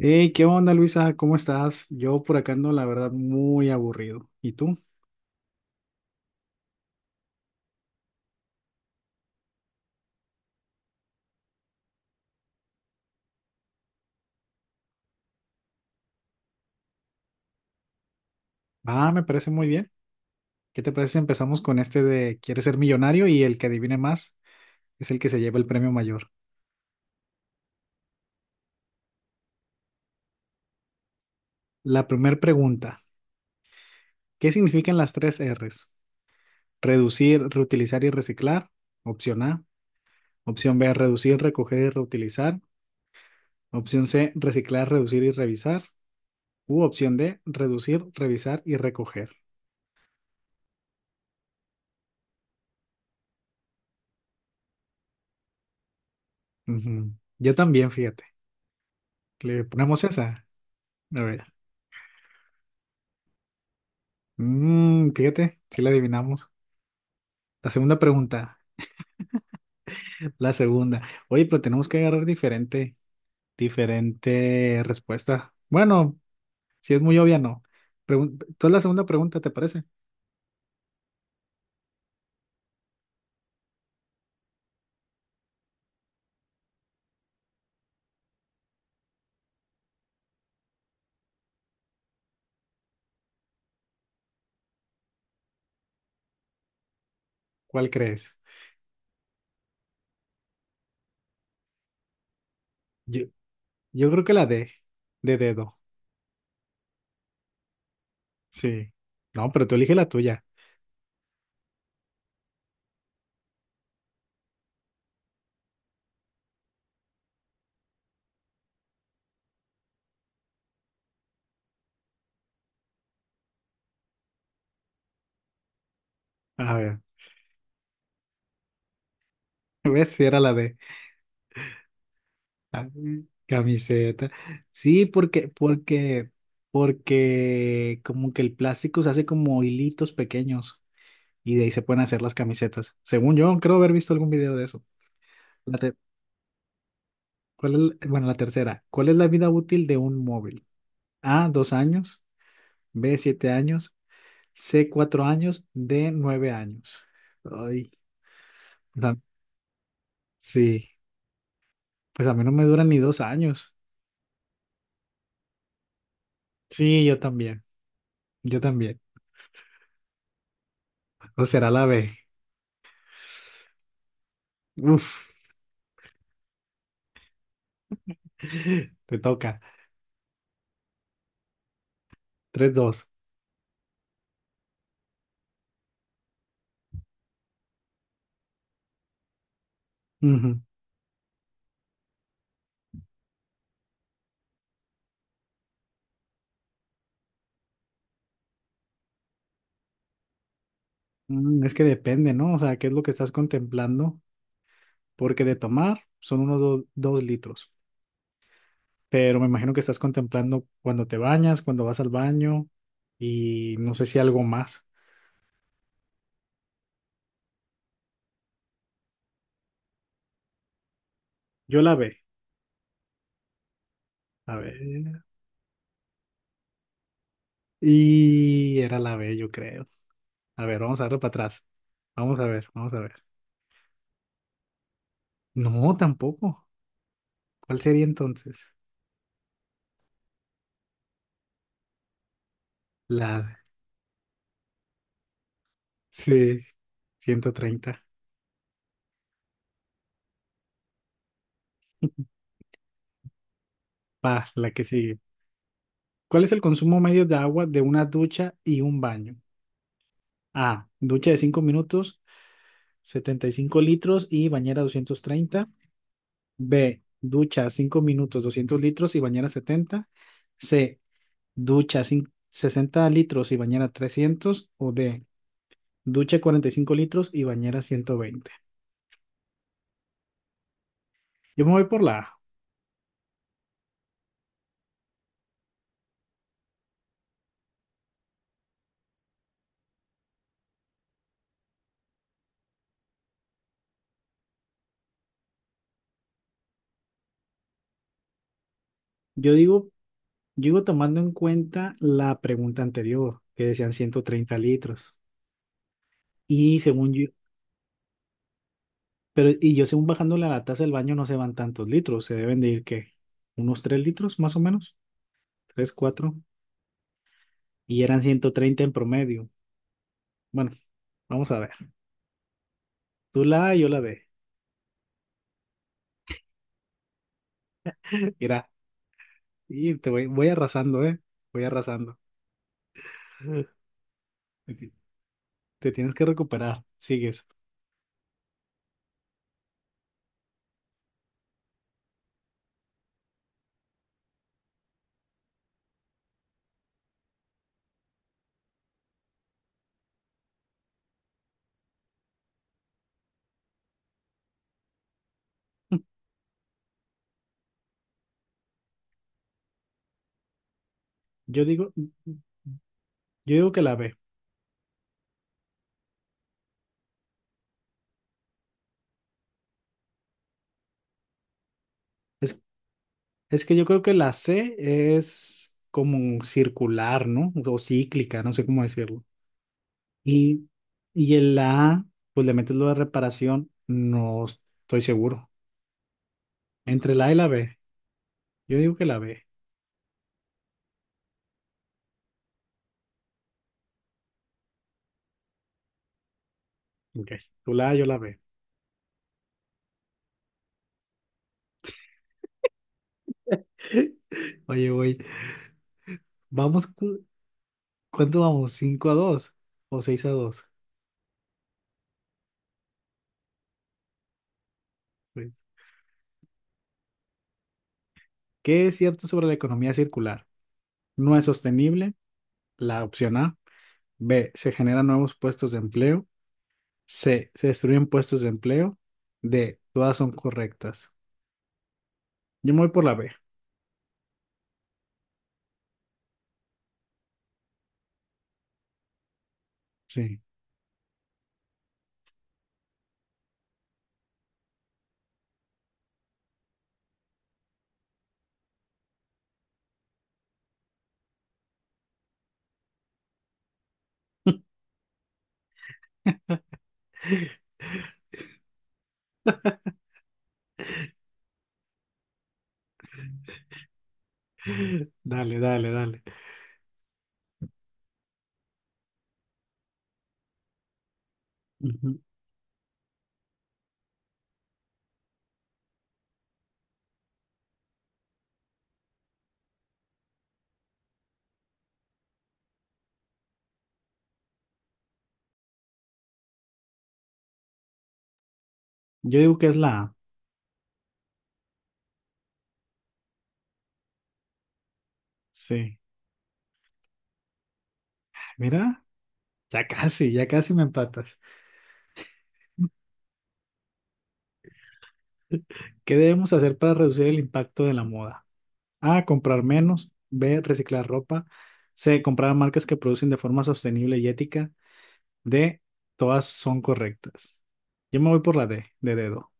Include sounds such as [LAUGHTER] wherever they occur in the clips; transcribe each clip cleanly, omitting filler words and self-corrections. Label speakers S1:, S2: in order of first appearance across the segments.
S1: Hey, ¿qué onda, Luisa? ¿Cómo estás? Yo por acá ando, la verdad, muy aburrido. ¿Y tú? Ah, me parece muy bien. ¿Qué te parece si empezamos con este de ¿Quieres ser millonario? Y el que adivine más es el que se lleva el premio mayor. La primera pregunta, ¿qué significan las tres R's? Reducir, reutilizar y reciclar. Opción A. Opción B, reducir, recoger y reutilizar. Opción C, reciclar, reducir y revisar. U opción D, reducir, revisar y recoger. Ujú. Yo también, fíjate. ¿Le ponemos esa? A ver. Mm, fíjate, sí la adivinamos. La segunda pregunta, la segunda. Oye, pero tenemos que agarrar diferente respuesta. Bueno, si es muy obvia, no. Entonces la segunda pregunta, ¿te parece? ¿Cuál crees? Yo, yo creo que la D, de dedo. Sí. No, pero tú elige la tuya. A ver, [LAUGHS] ves si era la D. Ah, camiseta. Sí, porque como que el plástico se hace como hilitos pequeños. Y de ahí se pueden hacer las camisetas. Según yo, creo haber visto algún video de eso. La te- ¿cuál es la tercera. ¿Cuál es la vida útil de un móvil? A, 2 años, B, 7 años, C, 4 años, D, 9 años. Ay, da- sí, pues a mí no me duran ni 2 años. Sí, yo también, yo también. O será la B. Uf, [LAUGHS] te toca. 3-2. Ujú. Mm, es que depende, ¿no? O sea, ¿qué es lo que estás contemplando? Porque de tomar son unos dos litros. Pero me imagino que estás contemplando cuando te bañas, cuando vas al baño y no sé si algo más. Yo la B, a ver, y era la B, yo creo. A ver, vamos a darle para atrás. Vamos a ver, vamos a ver. No, tampoco. ¿Cuál sería entonces? La D. Sí, 130. Va, la que sigue. ¿Cuál es el consumo medio de agua de una ducha y un baño? A. Ducha de 5 minutos, 75 litros y bañera 230. B. Ducha 5 minutos, 200 litros y bañera 70. C. Ducha 60 litros y bañera 300. O D. Ducha 45 litros y bañera 120. Yo me voy por la A. Yo digo, yo digo tomando en cuenta la pregunta anterior, que decían 130 litros. Y según yo, pero y yo según bajando la taza del baño no se van tantos litros, se deben de ir ¿qué? Unos 3 litros más o menos, tres cuatro. Y eran 130 en promedio. Bueno, vamos a ver. Tú la A, yo la B. Mira, y voy arrasando, ¿eh? Voy arrasando. Te, ti- te tienes que recuperar. Sigues. [LAUGHS] Yo digo, yo digo que la B. Es, es que yo creo que la C es como circular, ¿no? O cíclica, no sé cómo decirlo. Y, y en la A, pues le metes lo de reparación, no estoy seguro. Entre la A y la B, yo digo que la B. Ok, tú la A, yo la B. [LAUGHS] Oye, güey, vamos, ¿cuánto vamos? 5-2 o 6-2. Pues, ¿qué es cierto sobre la economía circular? No es sostenible. La opción A. B. Se generan nuevos puestos de empleo. C. Se destruyen puestos de empleo. D. Todas son correctas. Yo me voy por la B. Sí. [LAUGHS] Dale, dale, dale. Ujú. Yo digo que es la A. Sí. Mira, ya casi me empatas. ¿Qué debemos hacer para reducir el impacto de la moda? A, comprar menos. B, reciclar ropa. C, comprar marcas que producen de forma sostenible y ética. D, todas son correctas. Yo me voy por la D, de dedo.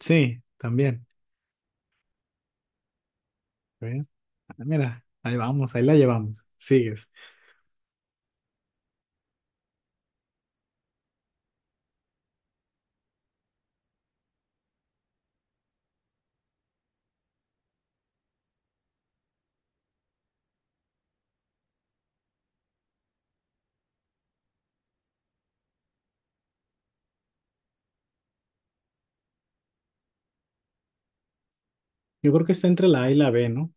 S1: Sí, también. A ver, ah, mira, ahí vamos, ahí la llevamos. Sigues. Yo creo que está entre la A y la B, ¿no?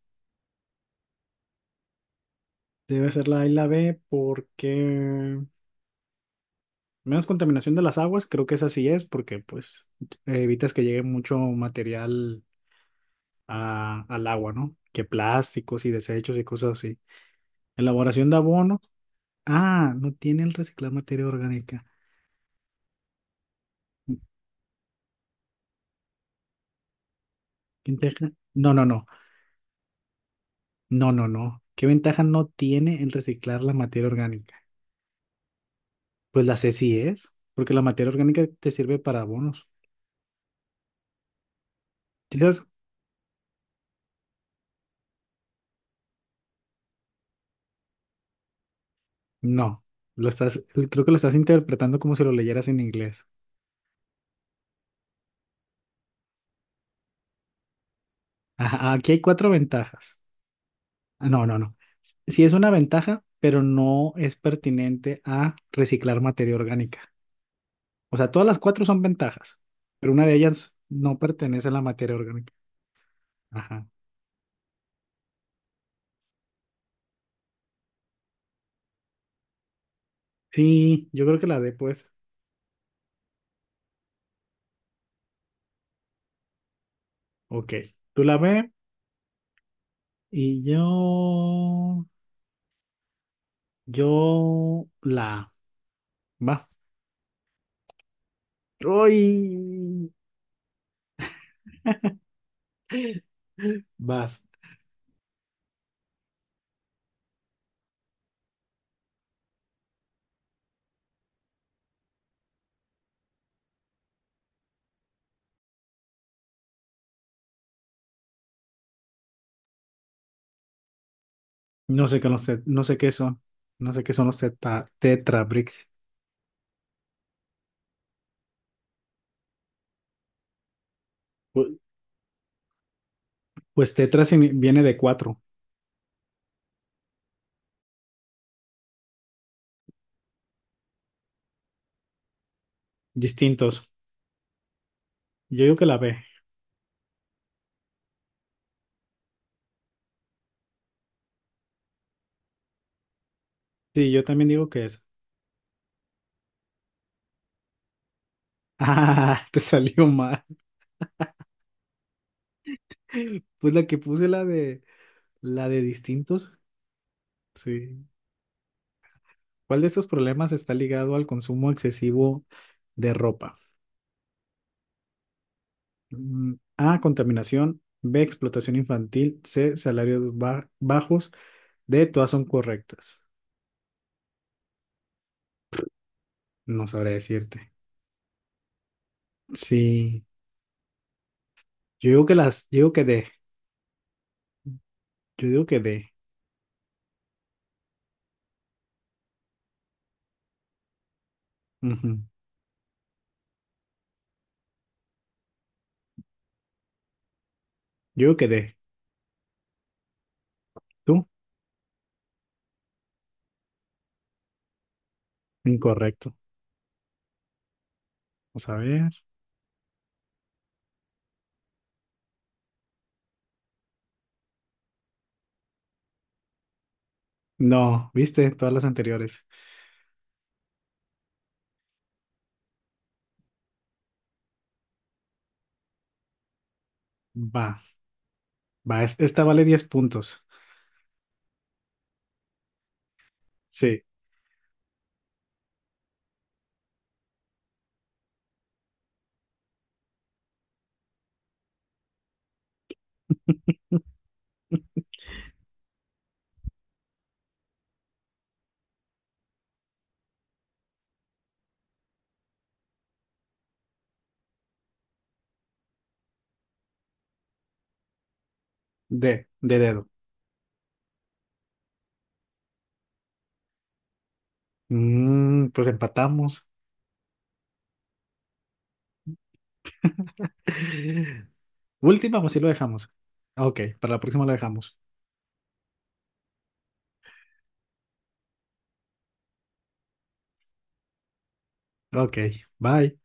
S1: Debe ser la A y la B porque menos contaminación de las aguas, creo que esa sí es, porque pues evitas que llegue mucho material al agua, ¿no? Que plásticos y desechos y cosas así. Elaboración de abonos. Ah, no tiene el reciclar materia orgánica. ¿Qué ventaja? No, no, no. No, no, no. ¿Qué ventaja no tiene el reciclar la materia orgánica? Pues la C sí es, porque la materia orgánica te sirve para abonos. ¿Tienes? No. Lo estás, creo que lo estás interpretando como si lo leyeras en inglés. Ajá, aquí hay cuatro ventajas. Ah, no, no, no. Sí es una ventaja, pero no es pertinente a reciclar materia orgánica. O sea, todas las cuatro son ventajas, pero una de ellas no pertenece a la materia orgánica. Ajá. Sí, yo creo que la D, pues. Ok. Tú la B y yo. Yo la A. Va. ¡Uy! Vas. No sé qué, los no sé qué son. No sé qué son los tetra bricks. Pu- Pues, tetra viene de cuatro distintos. Yo digo que la B. Sí, yo también digo que es. [LAUGHS] Ah, te salió mal. Pues la que puse la de. La de distintos, sí. ¿Cuál de estos problemas está ligado al consumo excesivo de ropa? Mm, A, contaminación, B, explotación infantil, C, salarios bajos, D, todas son correctas. No sabré decirte. Sí, yo digo que D, yo digo que D, Ujú. Yo digo que D. ¿Tú? Incorrecto. Vamos a ver. No, viste, todas las anteriores. Va, va, esta vale 10 puntos. Sí, D, de dedo. Mm, pues empatamos. [LAUGHS] Última, pues sí lo dejamos. Ok, para la próxima lo dejamos. Ok, bye.